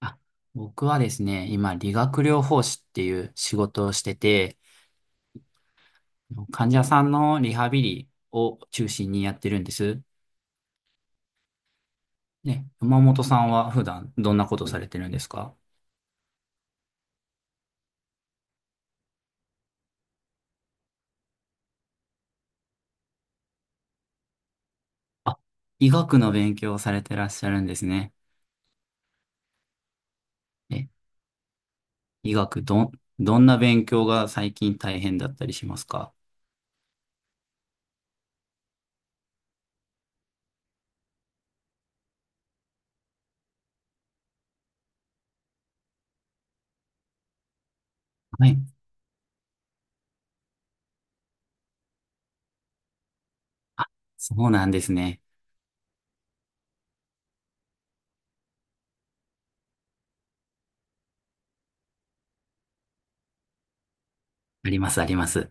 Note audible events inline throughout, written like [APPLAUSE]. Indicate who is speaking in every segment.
Speaker 1: あ、僕はですね、今、理学療法士っていう仕事をしてて、患者さんのリハビリを中心にやってるんです。ね、山本さんは普段どんなことされてるんですか？あ、医学の勉強をされてらっしゃるんですね。え、医学どんな勉強が最近大変だったりしますか？はい。あ、そうなんですね。あります、あります。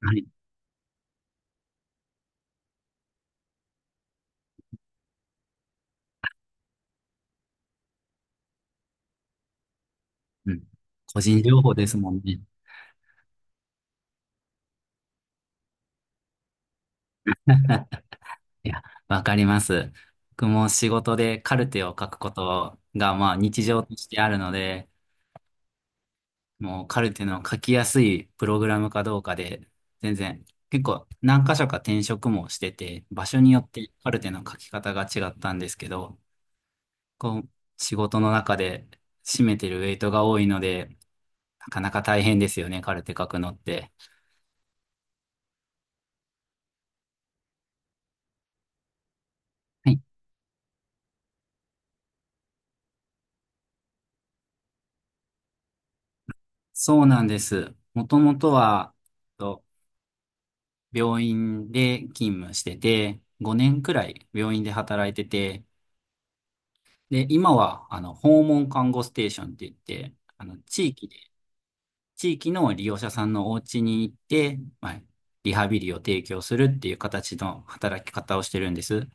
Speaker 1: はい。うん。個人情報ですもんね。[LAUGHS] いや、わかります。僕も仕事でカルテを書くことが、まあ日常としてあるので、もうカルテの書きやすいプログラムかどうかで、全然、結構何箇所か転職もしてて、場所によってカルテの書き方が違ったんですけど、こう、仕事の中で占めてるウェイトが多いので、なかなか大変ですよね、カルテ書くのって。はい、そうなんです。もともとは、病院で勤務してて、5年くらい病院で働いてて、で、今は、訪問看護ステーションって言って、地域の利用者さんのお家に行って、まあ、リハビリを提供するっていう形の働き方をしてるんです。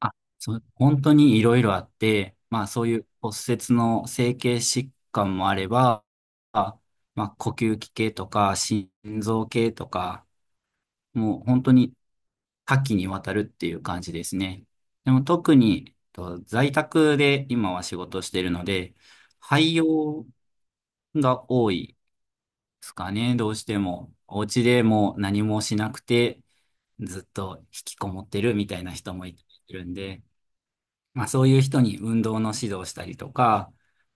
Speaker 1: あ、そう、本当にいろいろあって、まあ、そういう骨折の整形疾患もあれば、あまあ、呼吸器系とか、心臓系とか、もう本当に多岐にわたるっていう感じですね。でも特にと在宅で今は仕事してるので、廃業が多いですかね、どうしても。お家でもう何もしなくて、ずっと引きこもってるみたいな人もいるんで、まあそういう人に運動の指導したりとか、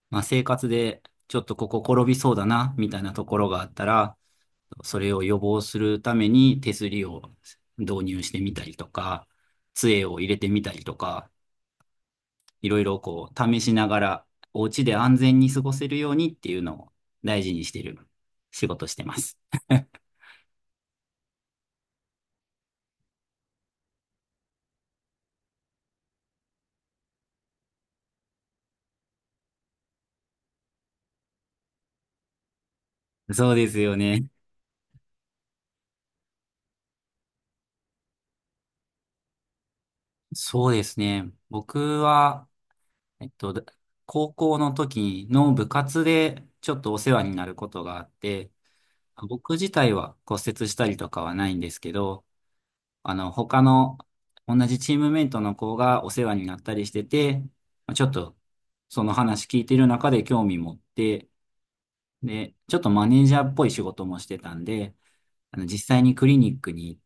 Speaker 1: まあ生活でちょっとここ転びそうだな、みたいなところがあったら、それを予防するために手すりを導入してみたりとか、杖を入れてみたりとか、いろいろこう試しながら、お家で安全に過ごせるようにっていうのを大事にしてる仕事してます。[LAUGHS] そうですよね。そうですね。僕は、えっと、高校の時の部活でちょっとお世話になることがあって、僕自体は骨折したりとかはないんですけど、他の同じチームメイトの子がお世話になったりしてて、まあちょっとその話聞いてる中で興味持って、で、ちょっとマネージャーっぽい仕事もしてたんで、実際にクリニックに、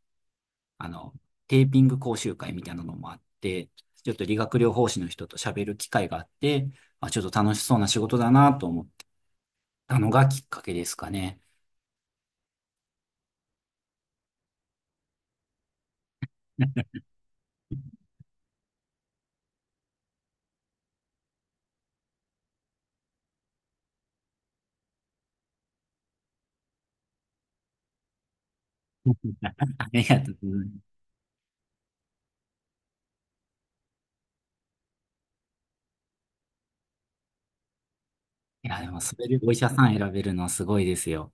Speaker 1: あの、テーピング講習会みたいなのもあって、ちょっと理学療法士の人と喋る機会があって、まあ、ちょっと楽しそうな仕事だなと思ってたのがきっかけですかね。[LAUGHS] ありがとうございます。いや、でもそれでお医者さん選べるのはすごいですよ。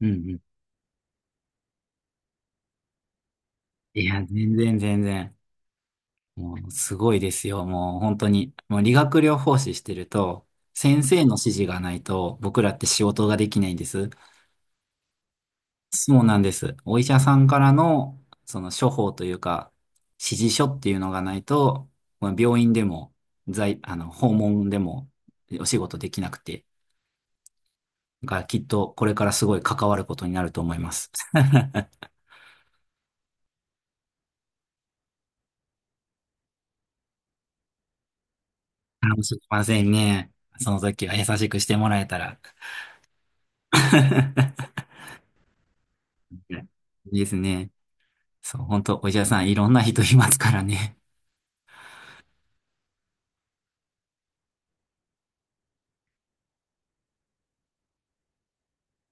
Speaker 1: うんうん。いや、全然全然。もう、すごいですよ。もう、本当に。もう、理学療法士してると、先生の指示がないと、僕らって仕事ができないんです。そうなんです。お医者さんからの、その処方というか、指示書っていうのがないと、まあ病院でも、在、あの、訪問でも、お仕事できなくて。だから、きっと、これからすごい関わることになると思います。[LAUGHS] かもしれませんね。その時は優しくしてもらえたら。[LAUGHS] はい。いいですね。そう、本当お医者さん、いろんな人いますからね。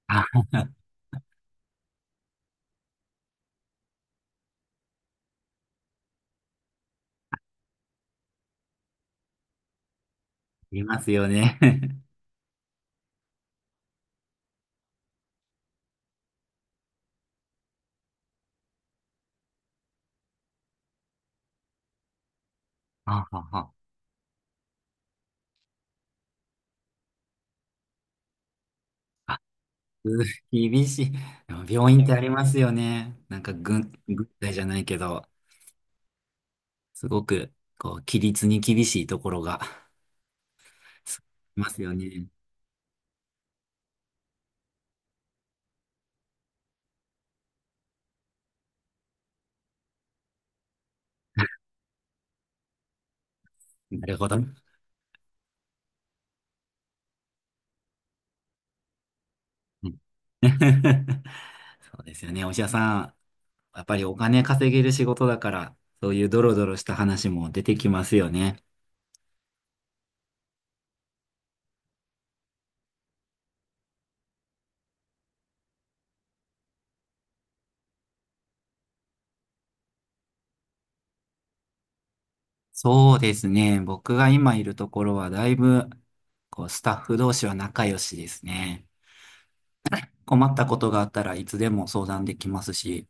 Speaker 1: [LAUGHS] あ、いますよね。[LAUGHS] あ、あ、あ。あうー厳しい。でも病院ってありますよね。なんか軍隊じゃないけど、すごく、規律に厳しいところが、[LAUGHS] そういますよね。なるほど。うん。 [LAUGHS] そうですよね。お医者さん、やっぱりお金稼げる仕事だから、そういうドロドロした話も出てきますよね。そうですね。僕が今いるところはだいぶ、スタッフ同士は仲良しですね。困ったことがあったらいつでも相談できますし、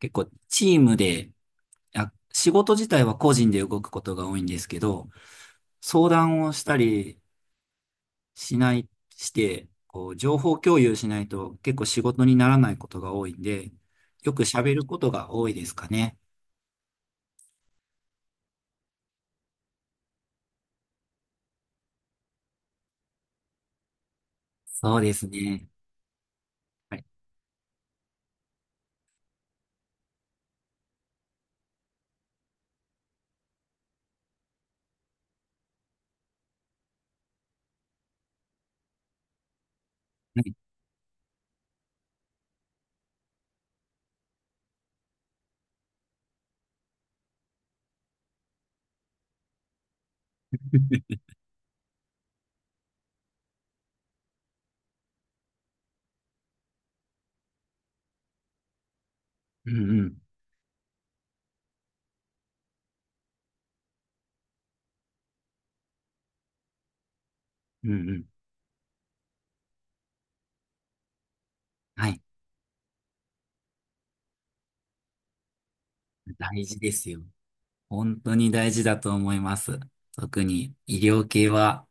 Speaker 1: 結構チームで、あ、仕事自体は個人で動くことが多いんですけど、相談をしたりしない、して、情報共有しないと結構仕事にならないことが多いんで、よく喋ることが多いですかね。そうですね。はい。はい。 [LAUGHS] うんうん。うんうん。はい。大事ですよ。本当に大事だと思います。特に医療系は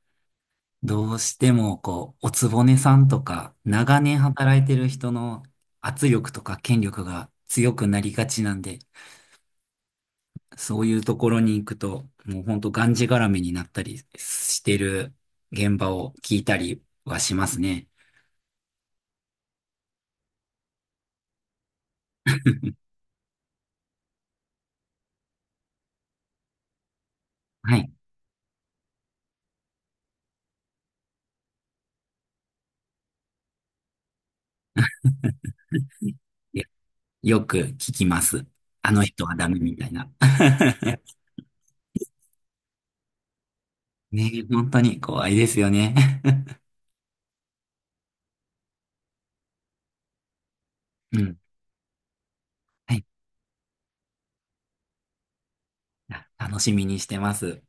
Speaker 1: どうしてもおつぼねさんとか長年働いてる人の圧力とか権力が強くなりがちなんで、そういうところに行くともう本当がんじがらめになったりしてる現場を聞いたりはしますね。はい。いや、よく聞きます。あの人はダメみたいな。[LAUGHS] ねえ、本当に怖いですよね。[LAUGHS] うん。はい。いや、楽しみにしてます。